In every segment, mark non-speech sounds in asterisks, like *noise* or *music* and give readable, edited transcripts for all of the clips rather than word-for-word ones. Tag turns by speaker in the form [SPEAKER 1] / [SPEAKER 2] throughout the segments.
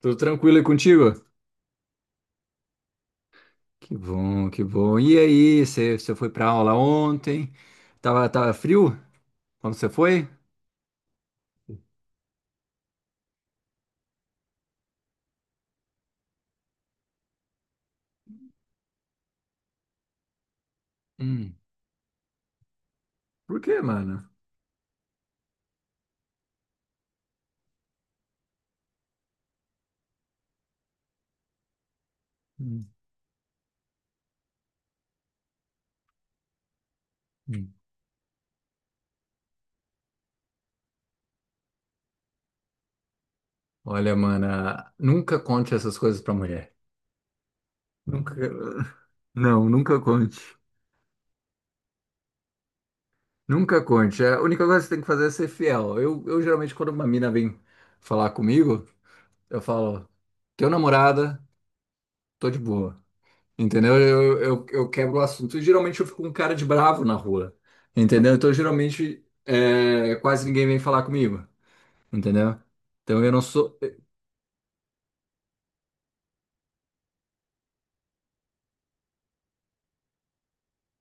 [SPEAKER 1] Tudo tranquilo aí contigo? Que bom, que bom. E aí, você foi pra aula ontem? Tava, tava frio quando você foi? Hum, por quê, mano? Hum, hum. Olha, mana, nunca conte essas coisas pra mulher. Nunca. Não, nunca conte. Nunca conte. É, a única coisa que você tem que fazer é ser fiel. Eu geralmente, quando uma mina vem falar comigo, eu falo, teu namorada, tô de boa. Entendeu? Eu quebro o assunto. E geralmente eu fico com cara de bravo na rua. Entendeu? Então geralmente é, quase ninguém vem falar comigo. Entendeu? Então eu não sou.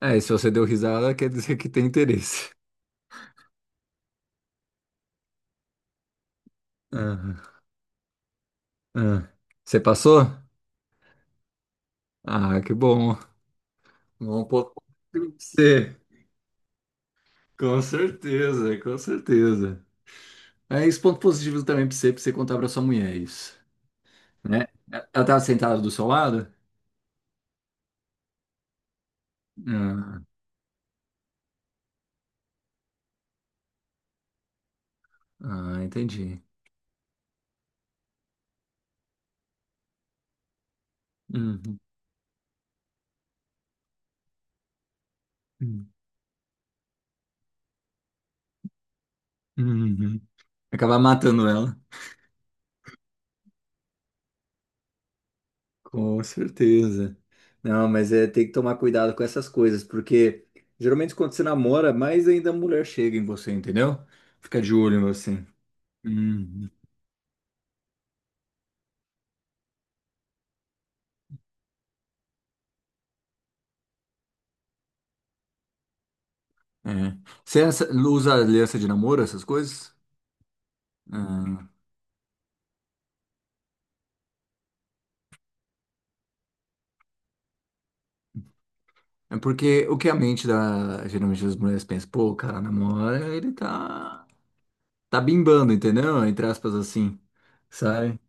[SPEAKER 1] É, e se você deu risada, quer dizer que tem interesse. Aham, aham. Você passou? Ah, que bom. Um ponto positivo pra você. Com certeza, com certeza. É isso, ponto positivo também pra você contar pra sua mulher isso. Né? Ela tava sentada do seu lado? Ah, ah, entendi. Uhum. Uhum. Acabar matando ela. Com certeza. Não, mas é, tem que tomar cuidado com essas coisas, porque geralmente quando você namora, mais ainda a mulher chega em você, entendeu? Fica de olho em você. Uhum. É. Você essa- usa aliança de namoro, essas coisas? Ah, é porque o que a mente da, geralmente das mulheres pensa, pô, o cara namora, ele tá, tá bimbando, entendeu? Entre aspas assim, sabe?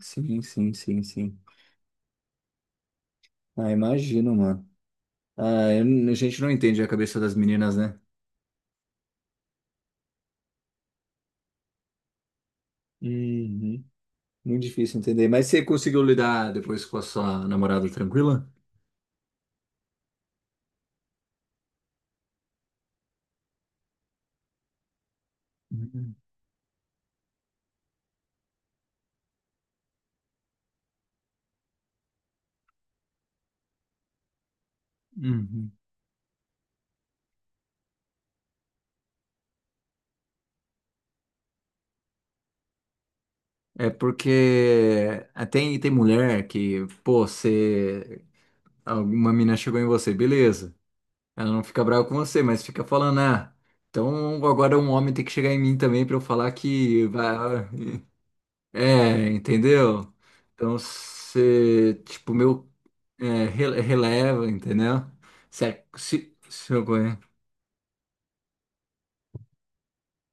[SPEAKER 1] Sim, sim, sim, sim. Ah, imagino, mano. Ah, eu- a gente não entende a cabeça das meninas, né? Uhum. Muito difícil entender. Mas você conseguiu lidar depois com a sua namorada tranquila? Uhum. Uhum. É porque ah, tem mulher que, pô, você. Alguma mina chegou em você, beleza. Ela não fica brava com você, mas fica falando, ah, então agora um homem tem que chegar em mim também pra eu falar que vai. É, entendeu? Então você, tipo, meu, é, rele- releva, entendeu? Se eu conhe-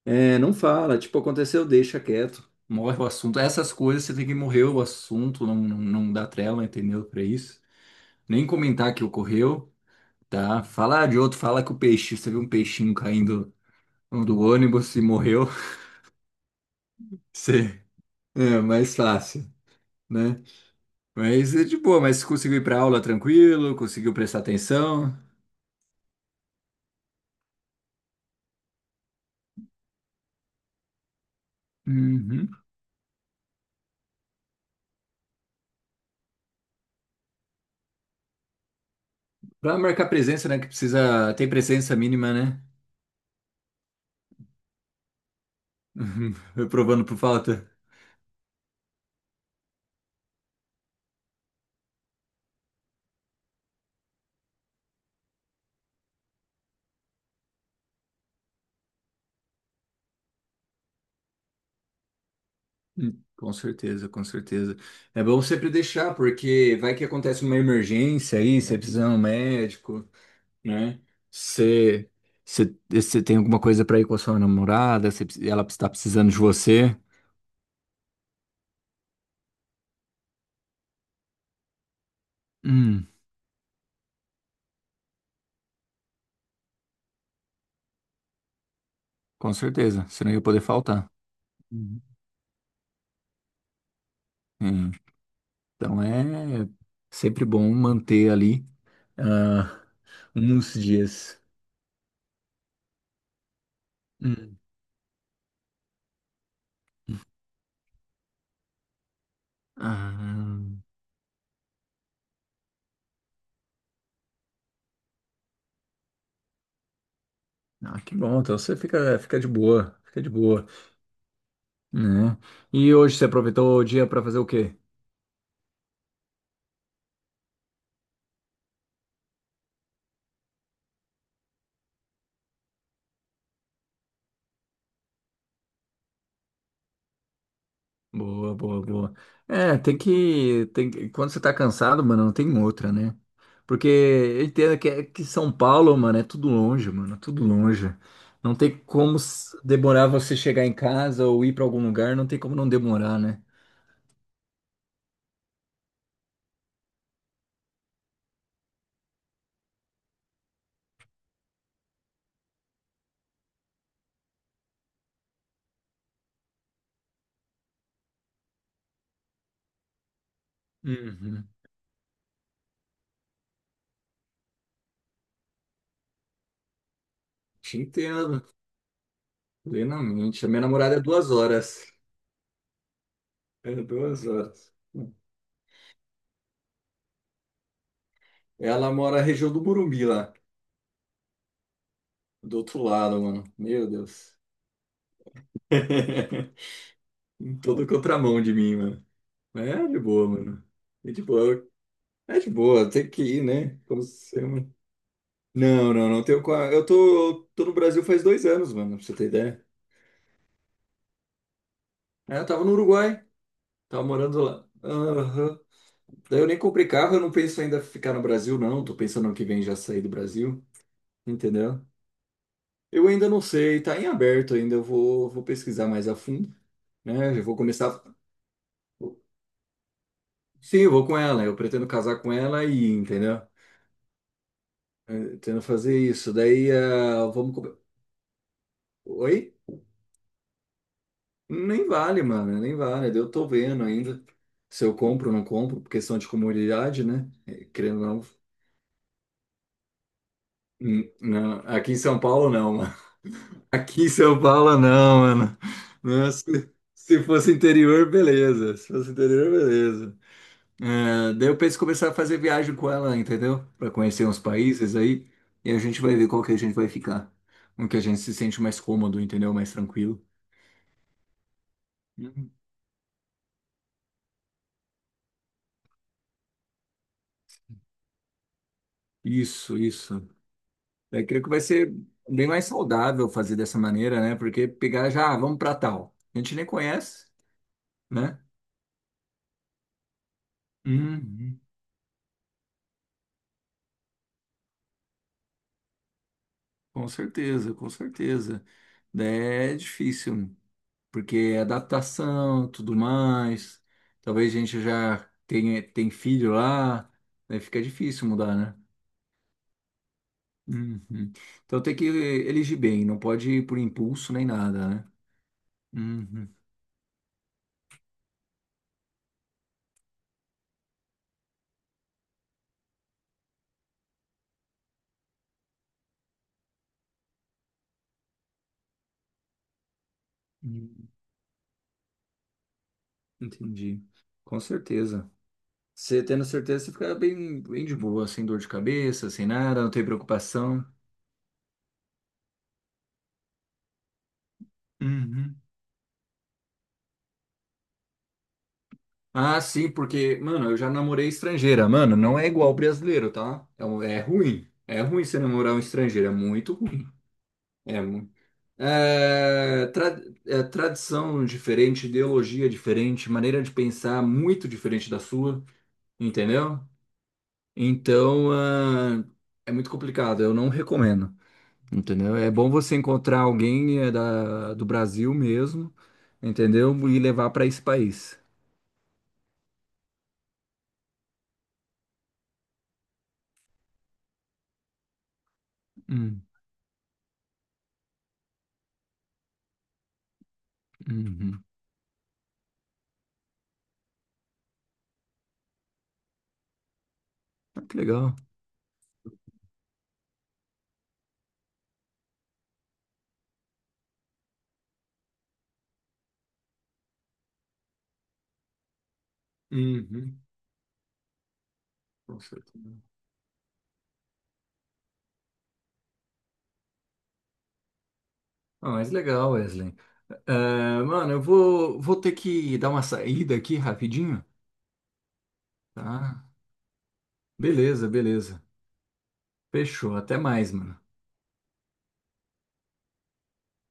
[SPEAKER 1] É, não fala, tipo, aconteceu, deixa quieto. Morre o assunto. Essas coisas você tem que morrer o assunto, não dá trela, entendeu? Pra isso. Nem comentar que ocorreu, tá? Falar de outro, fala que o peixe, você viu um peixinho caindo do ônibus e morreu. *laughs* Você, é mais fácil, né? Mas é de boa, mas conseguiu ir pra aula tranquilo, conseguiu prestar atenção. Uhum. Pra marcar presença, né? Que precisa. Tem presença mínima, né? *laughs* Reprovando por falta. Com certeza, com certeza. É bom sempre deixar, porque vai que acontece uma emergência aí, você precisa de um médico, né? Você, você tem alguma coisa pra ir com a sua namorada, você, precis- ela está precisando de você. Hum, com certeza, você não ia poder faltar. Uhum. Então é sempre bom manter ali ah, uns dias. Hum. Ah, ah, que bom. Então você fica, fica de boa, né? E hoje você aproveitou o dia para fazer o quê? Boa, boa, boa. É, quando você tá cansado, mano, não tem outra, né? Porque eu entendo que, é- que São Paulo, mano, é tudo longe, mano, é tudo longe. Não tem como s- demorar você chegar em casa ou ir para algum lugar, não tem como não demorar, né? Uhum. Te entendo plenamente. A minha namorada é 2 horas. É duas horas. Ela mora na região do Murumbi lá, do outro lado, mano. Meu Deus. *laughs* Em todo contramão de mim, mano. Mas é de boa, mano. É de boa. É de boa, tem que ir, né? Como se- Não, não, não tenho. Qua- eu tô no Brasil faz 2 anos, mano, pra você ter ideia. É, eu tava no Uruguai, tava morando lá. Aham. Daí eu nem comprei carro, eu não penso ainda ficar no Brasil, não. Tô pensando ano que vem já sair do Brasil, entendeu? Eu ainda não sei, tá em aberto ainda. Eu vou pesquisar mais a fundo, né? Eu vou começar. Sim, eu vou com ela. Eu pretendo casar com ela e, entendeu? Eu pretendo fazer isso. Daí, ah, vamos. Co- Oi? Nem vale, mano, nem vale. Eu tô vendo ainda se eu compro ou não compro, por questão de comodidade, né? Eh, querendo ou não. Hum, não, aqui em São Paulo não, mano. *laughs* Aqui em São Paulo não, mano. Nossa, se se fosse interior, beleza. Se fosse interior, beleza. É, daí eu penso em começar a fazer viagem com ela, entendeu? Pra conhecer uns países aí. E a gente vai ver qual que a gente vai ficar. Um que a gente se sente mais cômodo, entendeu? Mais tranquilo. Uhum. Isso, isso. Eu creio que vai ser bem mais saudável fazer dessa maneira, né? Porque pegar já, ah, vamos pra tal. A gente nem conhece, né? Uhum. Com certeza, com certeza. Daí é difícil. Porque é adaptação, tudo mais. Talvez a gente já tenha tem filho lá, né? Fica difícil mudar, né? Uhum. Então tem que elegir bem, não pode ir por impulso nem nada, né? Uhum. Uhum. Entendi. Com certeza. Você tendo certeza, você fica bem, bem de boa, sem dor de cabeça, sem nada, não tem preocupação. Uhum. Ah, sim, porque, mano, eu já namorei estrangeira. Mano, não é igual brasileiro, tá? É, um- é ruim. É ruim você namorar um estrangeiro, é muito ruim. É, mu- é, tra- é tradição diferente, ideologia diferente, maneira de pensar muito diferente da sua, entendeu? Então, ah, é muito complicado, eu não recomendo, entendeu? É bom você encontrar alguém é, da, do Brasil mesmo, entendeu? E levar para esse país. Hum, uhum. Ah, que legal. Uhum. Com certeza. Ah, mas legal, Wesley. É, mano, eu vou ter que dar uma saída aqui rapidinho, tá? Beleza, beleza. Fechou. Até mais, mano.